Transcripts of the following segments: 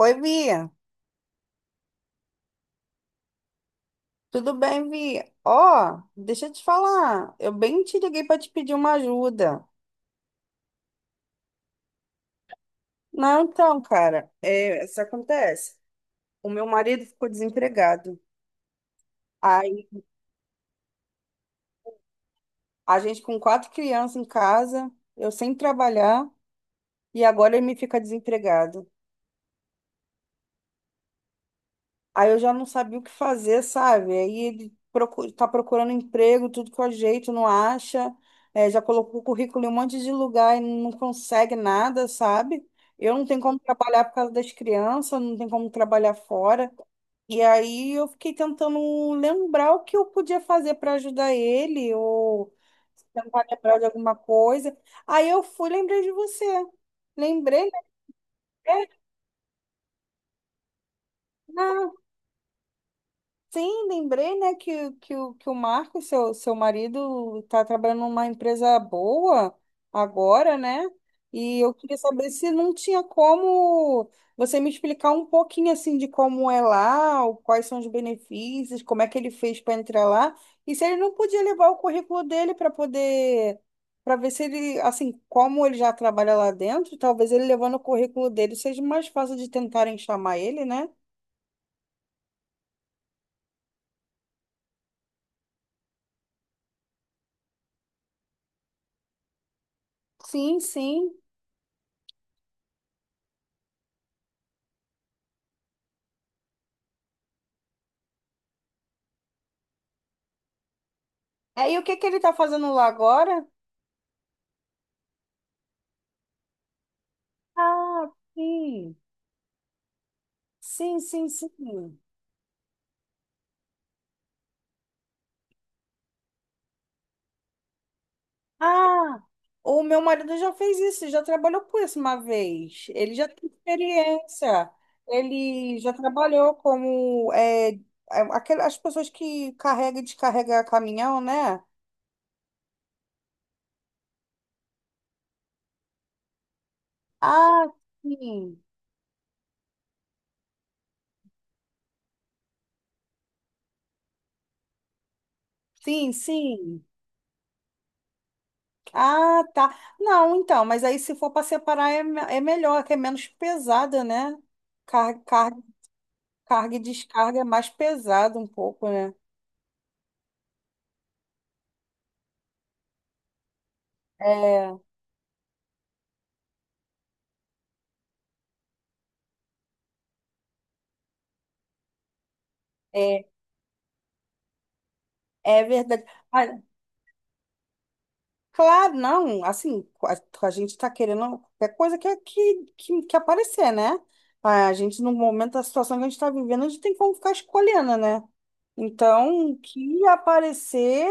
Oi, Bia. Tudo bem, Bia? Ó, deixa eu te falar. Eu bem te liguei para te pedir uma ajuda. Não, então, cara, é, isso acontece. O meu marido ficou desempregado. Aí, a gente com quatro crianças em casa, eu sem trabalhar, e agora ele me fica desempregado. Aí eu já não sabia o que fazer, sabe? Aí ele procu tá procurando emprego, tudo que eu ajeito, não acha. É, já colocou o currículo em um monte de lugar e não consegue nada, sabe? Eu não tenho como trabalhar por causa das crianças, não tenho como trabalhar fora. E aí eu fiquei tentando lembrar o que eu podia fazer para ajudar ele, ou tentar lembrar de alguma coisa. Aí eu fui, lembrei de você. Lembrei, né? Sim, lembrei, né, que o Marco, seu marido, está trabalhando numa empresa boa agora, né? E eu queria saber se não tinha como você me explicar um pouquinho assim de como é lá, quais são os benefícios, como é que ele fez para entrar lá, e se ele não podia levar o currículo dele para poder, para ver se ele, assim, como ele já trabalha lá dentro, talvez ele levando o currículo dele seja mais fácil de tentarem chamar ele, né? Sim, sim. É, e o que que ele está fazendo lá agora? Ah, sim. Sim, sim, sim. Ah, o meu marido já fez isso, já trabalhou com isso uma vez. Ele já tem experiência. Ele já trabalhou como as pessoas que carregam e descarregam caminhão, né? Ah, sim. Sim, sim. Ah, tá. Não, então, mas aí se for para separar é melhor, que é menos pesada, né? Carga, Carga e descarga é mais pesado um pouco, né? É, é, é verdade. Ah, claro, não, assim, a gente está querendo qualquer coisa que aparecer, né? A gente, no momento da situação que a gente está vivendo, a gente tem como ficar escolhendo, né? Então, o que aparecer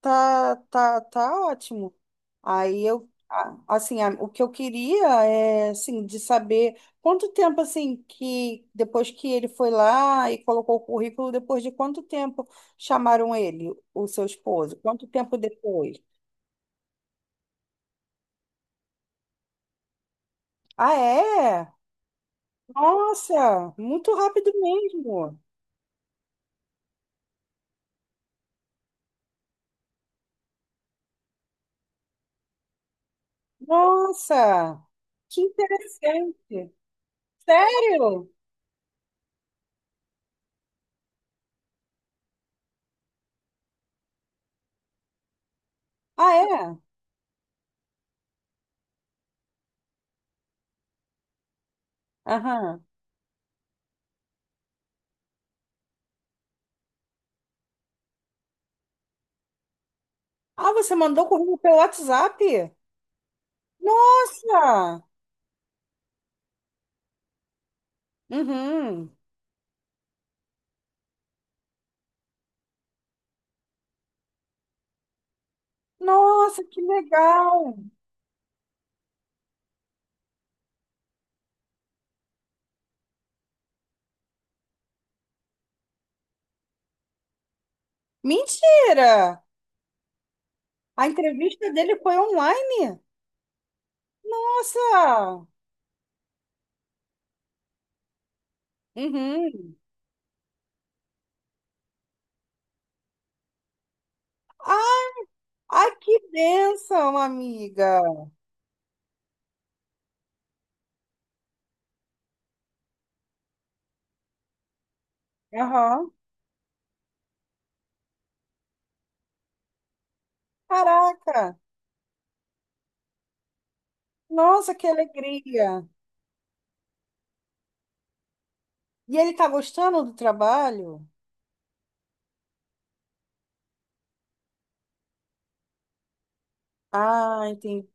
tá ótimo. Aí eu, assim, o que eu queria é, assim, de saber quanto tempo, assim, que depois que ele foi lá e colocou o currículo, depois de quanto tempo chamaram ele, o seu esposo? Quanto tempo depois? Ah, é? Nossa, muito rápido mesmo. Nossa, que interessante. Sério? Ah, é? Aham. Ah, você mandou o currículo pelo WhatsApp? Nossa! Uhum. Nossa, que legal! Mentira! A entrevista dele foi online? Nossa! Uhum. Ah, ai, que bênção, amiga! Aham. Caraca! Nossa, que alegria! E ele tá gostando do trabalho? Ah, entendi.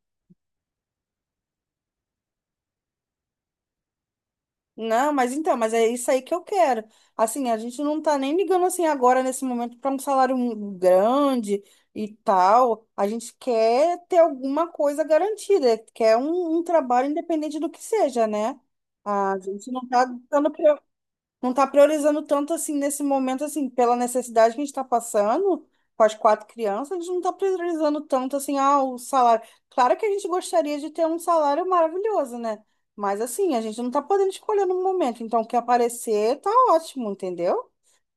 Não, mas então, mas é isso aí que eu quero. Assim, a gente não tá nem ligando assim agora nesse momento para um salário grande e tal. A gente quer ter alguma coisa garantida, quer um trabalho independente do que seja, né? A gente não tá dando não está priorizando tanto assim nesse momento, assim, pela necessidade que a gente está passando com as quatro crianças, a gente não está priorizando tanto assim, o salário. Claro que a gente gostaria de ter um salário maravilhoso, né? Mas assim, a gente não está podendo escolher no momento. Então, o que aparecer tá ótimo, entendeu?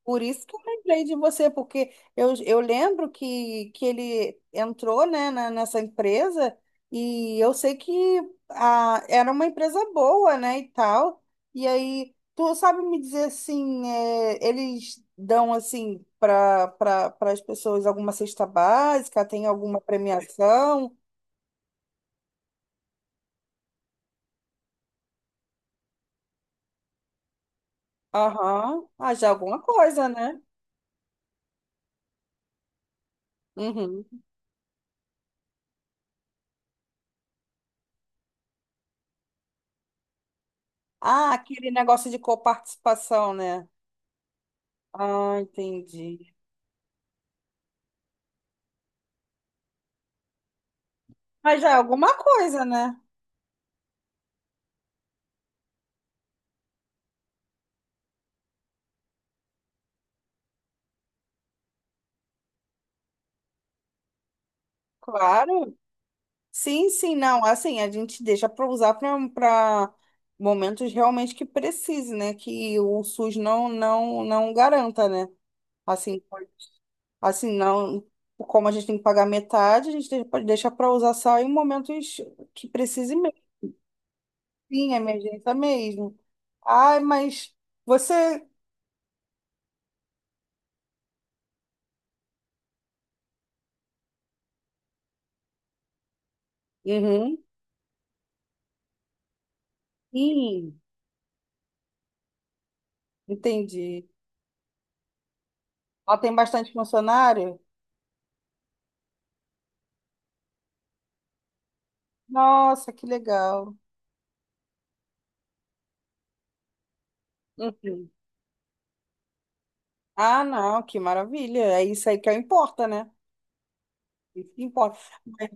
Por isso que eu lembrei de você, porque eu lembro que ele entrou, né, nessa empresa e eu sei que era uma empresa boa, né, e tal. E aí, tu sabe me dizer assim, eles dão assim para as pessoas alguma cesta básica, tem alguma premiação? Aham, ah, já alguma coisa, né? Uhum. Ah, aquele negócio de coparticipação, né? Ah, entendi. Mas já é alguma coisa, né? Claro. Sim, sim, não. Assim, a gente deixa para usar para momentos realmente que precise, né? Que o SUS não garanta, né? Assim, assim, não. Como a gente tem que pagar metade, a gente pode deixar para usar só em momentos que precise mesmo. Sim, emergência mesmo. Ai, mas você. Uhum. Sim, entendi. Ela tem bastante funcionário? Nossa, que legal. Uhum. Ah, não, que maravilha. É isso aí que importa, né? É isso que importa. Mas,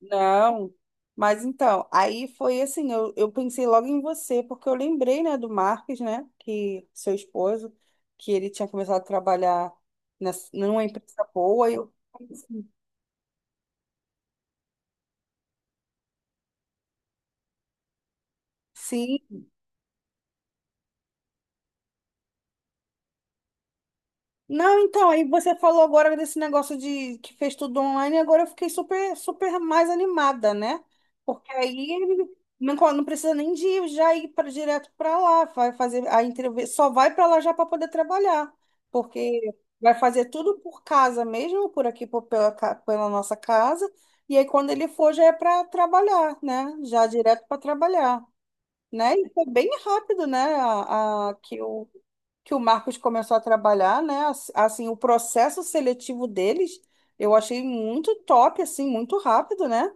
não. Mas então, aí foi assim, eu pensei logo em você, porque eu lembrei, né, do Marques, né, que seu esposo, que ele tinha começado a trabalhar numa empresa boa. Sim, não, então, aí você falou agora desse negócio de que fez tudo online, e agora eu fiquei super, super mais animada, né? Porque aí não, não precisa nem de ir já ir para direto para lá, vai fazer a entrevista, só vai para lá já para poder trabalhar, porque vai fazer tudo por casa mesmo, por aqui pela nossa casa, e aí quando ele for já é para trabalhar, né? Já direto para trabalhar, né? E foi bem rápido, né? A, que o Marcos começou a trabalhar, né? Assim, o processo seletivo deles, eu achei muito top, assim, muito rápido, né?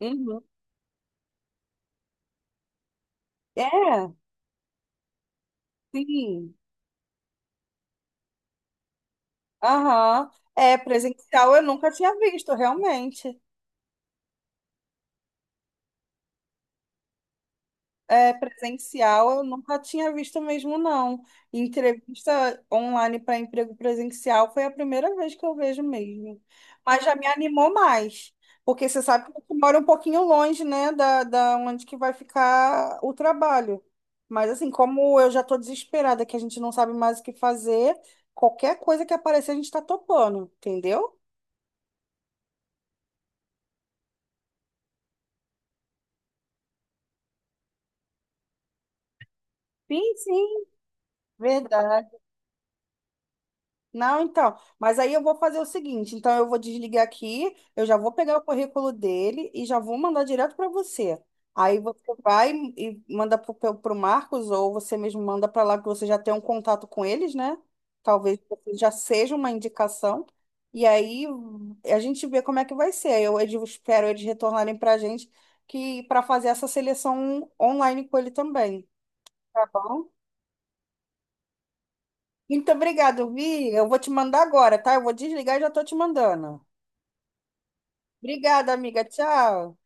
Uhum. É, sim. Aham. É, presencial eu nunca tinha visto, realmente. É, presencial eu nunca tinha visto mesmo, não. Entrevista online para emprego presencial foi a primeira vez que eu vejo mesmo. Mas já me animou mais, porque você sabe que eu moro um pouquinho longe, né, da onde que vai ficar o trabalho. Mas assim, como eu já estou desesperada, que a gente não sabe mais o que fazer, qualquer coisa que aparecer a gente está topando, entendeu? Sim, sim, verdade. Não, então. Mas aí eu vou fazer o seguinte: então eu vou desligar aqui, eu já vou pegar o currículo dele e já vou mandar direto para você. Aí você vai e manda para o Marcos, ou você mesmo manda para lá que você já tem um contato com eles, né? Talvez você já seja uma indicação. E aí a gente vê como é que vai ser. Aí eu espero eles retornarem para a gente que para fazer essa seleção online com ele também. Tá bom? Muito obrigado, Vi. Eu vou te mandar agora, tá? Eu vou desligar e já tô te mandando. Obrigada, amiga. Tchau.